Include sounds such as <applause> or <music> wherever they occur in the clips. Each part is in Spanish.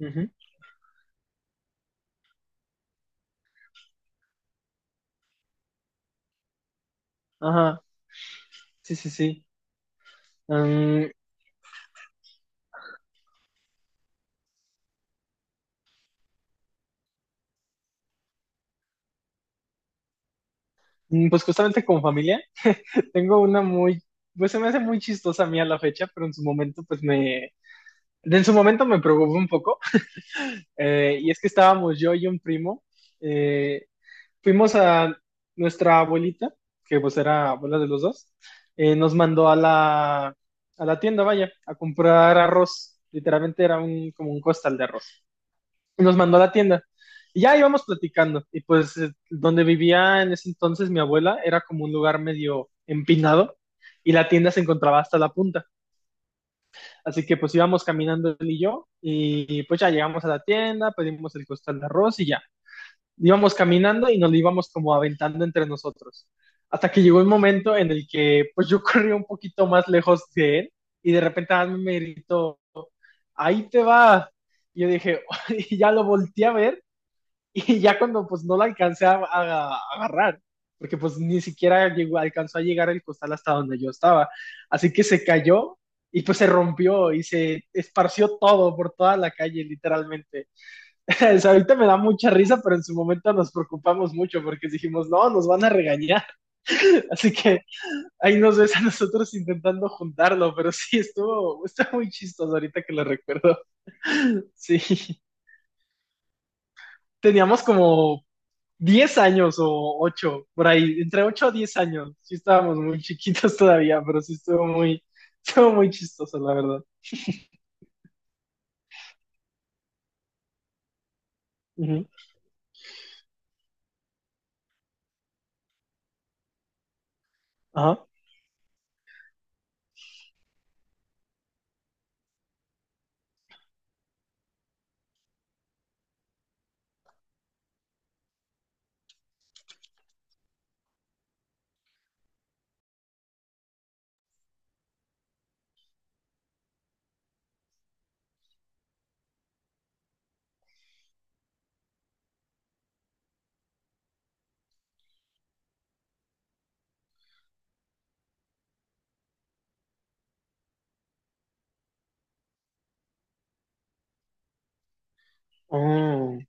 Ujú. Ajá. Sí, sí, sí. Am, pues justamente con familia, tengo una muy, pues se me hace muy chistosa a mí a la fecha, pero en su momento, en su momento me preocupó un poco. Y es que estábamos yo y un primo, eh, fuimos a nuestra abuelita, que pues era abuela de los dos. Nos mandó a la tienda, vaya, a comprar arroz. Literalmente era un, como un costal de arroz, y nos mandó a la tienda. Y ya íbamos platicando. Y pues donde vivía en ese entonces mi abuela era como un lugar medio empinado y la tienda se encontraba hasta la punta. Así que pues íbamos caminando él y yo y pues ya llegamos a la tienda, pedimos el costal de arroz y ya. Íbamos caminando y nos lo íbamos como aventando entre nosotros, hasta que llegó el momento en el que pues yo <laughs> corrí un poquito más lejos de él y de repente a mí me gritó, ahí te va. Y yo dije, <laughs> y ya lo volteé a ver, y ya cuando pues no la alcancé a agarrar, porque pues ni siquiera llegó, alcanzó a llegar el costal hasta donde yo estaba. Así que se cayó y pues se rompió y se esparció todo por toda la calle, literalmente. <laughs> O sea, ahorita me da mucha risa, pero en su momento nos preocupamos mucho porque dijimos, no, nos van a regañar. <laughs> Así que ahí nos ves a nosotros intentando juntarlo, pero sí, estuvo, está muy chistoso ahorita que lo recuerdo. <laughs> Sí, teníamos como 10 años o 8 por ahí, entre 8 a 10 años. Sí estábamos muy chiquitos <laughs> todavía, pero sí estuvo muy chistoso, la verdad. Ujú. Ajá. Mm.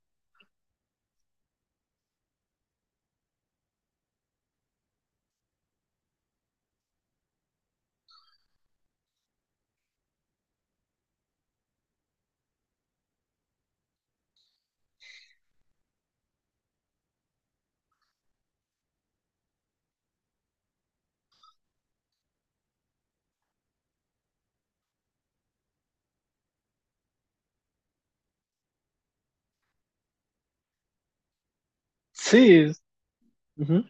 Sí. Ujú.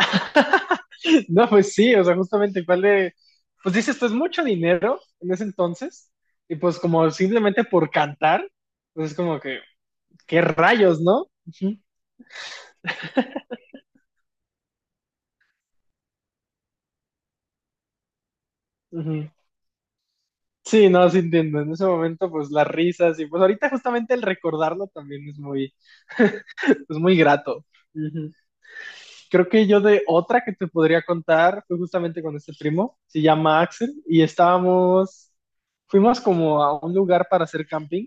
<laughs> No, pues sí, o sea, justamente cuál de, pues dices, esto es mucho dinero en ese entonces, y pues como simplemente por cantar, pues es como que, qué rayos, ¿no? Ujú, ujú. Sí, no, sí entiendo, en ese momento pues las risas y pues ahorita justamente el recordarlo también es muy grato. Ujú. Creo que yo de otra que te podría contar fue justamente con este primo, se llama Axel, y estábamos, fuimos como a un lugar para hacer camping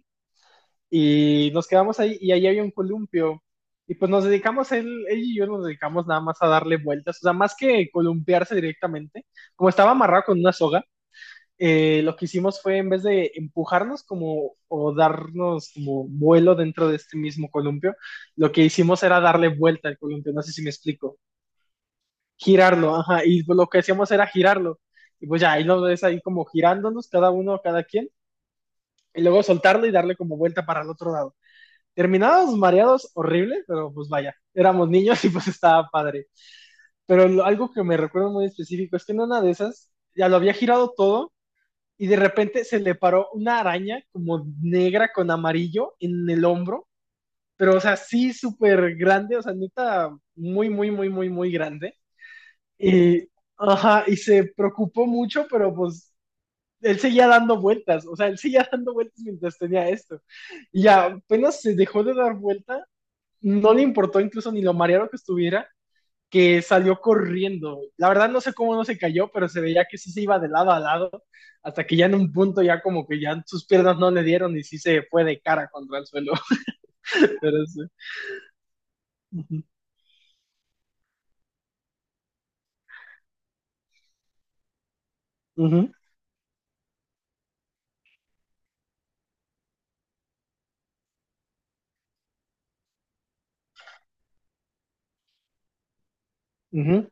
y nos quedamos ahí y ahí había un columpio y pues nos dedicamos, él y yo nos dedicamos nada más a darle vueltas, o sea, más que columpiarse directamente, como estaba amarrado con una soga, lo que hicimos fue en vez de empujarnos como o darnos como vuelo dentro de este mismo columpio, lo que hicimos era darle vuelta al columpio, no sé si me explico, girarlo, ajá, y lo que hacíamos era girarlo, y pues ya, ahí lo ves ahí como girándonos cada uno, cada quien, y luego soltarlo y darle como vuelta para el otro lado. Terminados mareados, horrible, pero pues vaya, éramos niños y pues estaba padre. Pero algo que me recuerdo muy específico es que en una de esas ya lo había girado todo y de repente se le paró una araña como negra con amarillo en el hombro, pero o sea, sí súper grande, o sea, neta, muy, muy, muy, muy, muy grande. Y, ajá, y se preocupó mucho, pero pues él seguía dando vueltas, o sea, él seguía <laughs> dando vueltas mientras tenía esto. Y ya apenas se dejó de dar vuelta, no le importó incluso ni lo mareado que estuviera, que salió corriendo. La verdad no sé cómo no se cayó, pero se veía que sí se iba de lado a lado, hasta que ya en un punto ya como que ya sus piernas no le dieron y sí se fue de cara contra el suelo. <laughs> Pero sí. Ujú, ujú, ujú.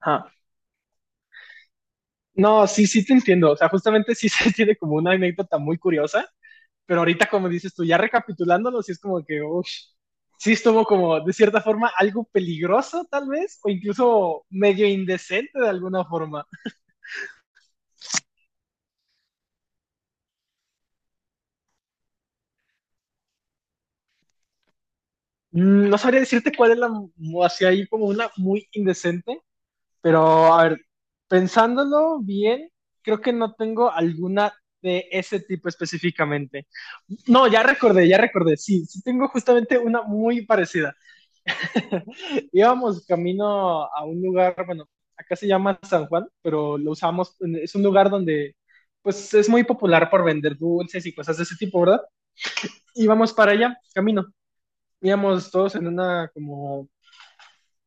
Ah. No, sí, sí te entiendo. O sea, justamente sí <laughs> se tiene como una anécdota muy curiosa, pero ahorita como dices tú, ya recapitulándolo, sí es como que, uff, sí estuvo como de cierta forma algo peligroso tal vez, o incluso medio indecente de alguna forma. Mm. No sabría decirte cuál es la, así hay como una muy indecente, pero a ver, pensándolo bien, creo que no tengo alguna de ese tipo específicamente. No, ya recordé, sí, sí tengo justamente una muy parecida. <laughs> Íbamos camino a un lugar, bueno, acá se llama San Juan, pero lo usamos, es un lugar donde pues es muy popular por vender dulces y cosas de ese tipo, ¿verdad? Íbamos para allá, camino. Íbamos todos en una como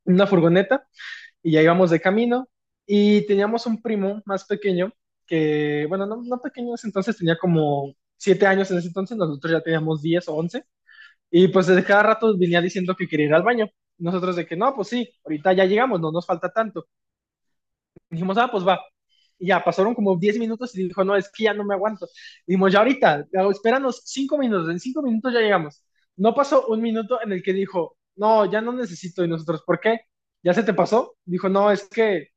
una furgoneta y ya íbamos de camino y teníamos un primo más pequeño que, bueno, no, no pequeño en ese entonces, tenía como 7 años en ese entonces, nosotros ya teníamos 10 u 11, y pues de cada rato venía diciendo que quería ir al baño. Nosotros de que no, pues sí, ahorita ya llegamos, no nos falta tanto. Dijimos, ah, pues va. Y ya pasaron como 10 minutos y dijo, no, es que ya no me aguanto. Dijimos, ya ahorita, espéranos 5 minutos, en 5 minutos ya llegamos. No pasó un minuto en el que dijo, no, ya no necesito. Y nosotros, ¿por qué? ¿Ya se te pasó? Dijo, no, es que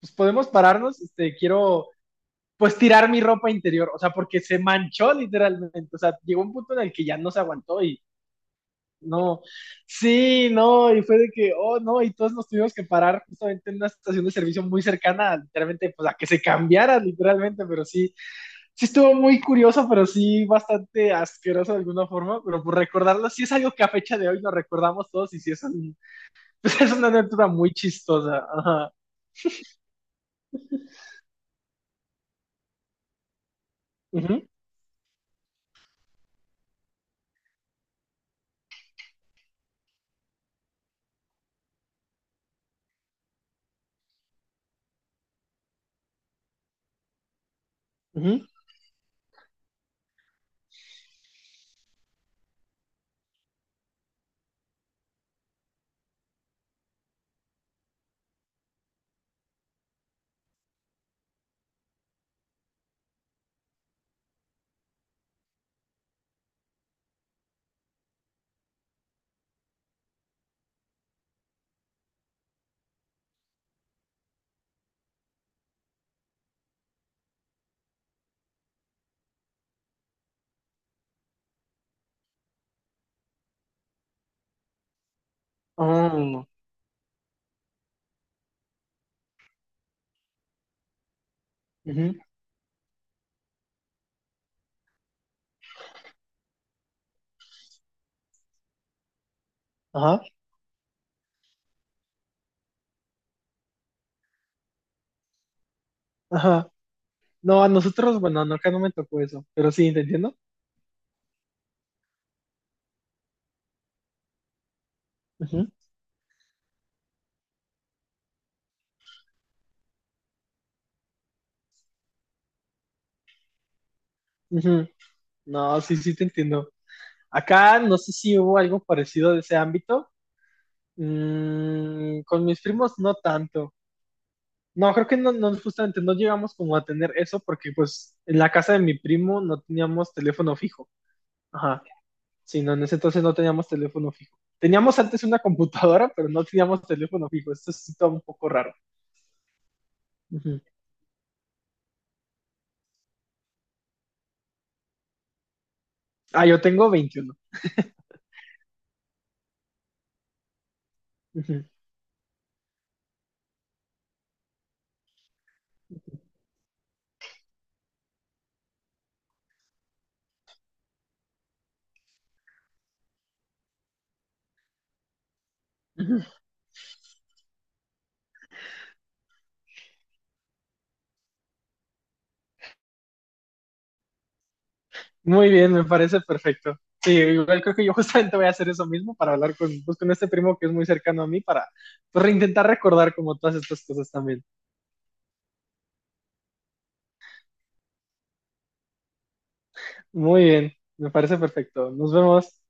pues podemos pararnos, este, quiero pues tirar mi ropa interior, o sea, porque se manchó literalmente, o sea, llegó un punto en el que ya no se aguantó y no, sí, no, y fue de que, oh, no, y todos nos tuvimos que parar justamente en una estación de servicio muy cercana, literalmente, pues a que se cambiara, literalmente, pero sí, sí estuvo muy curioso, pero sí bastante asqueroso de alguna forma, pero por recordarlo, sí es algo que a fecha de hoy nos recordamos todos y sí es, <laughs> pues, es una anécdota muy chistosa. Ajá. Ujú, ujú. Oh, ujú. Ajá, ajá. No, a nosotros, bueno, no, acá no me tocó eso, pero sí, ¿te entiendo? Ujú, ujú. No, sí, sí, te entiendo. Acá no sé si hubo algo parecido de ese ámbito. Mm, con mis primos no tanto. No, creo que no, no, justamente no llegamos como a tener eso porque pues en la casa de mi primo no teníamos teléfono fijo. Ajá. Sí, no, en ese entonces no teníamos teléfono fijo. Teníamos antes una computadora, pero no teníamos teléfono fijo. Esto es todo un poco raro. Ujú. Ah, yo tengo 21. <laughs> Ujú. Muy bien, me parece perfecto. Sí, igual creo que yo <laughs> justamente voy a hacer eso mismo para hablar con, pues, con este primo que es muy cercano a mí para pues, intentar recordar como todas estas cosas también. Muy bien, me parece perfecto. Nos vemos.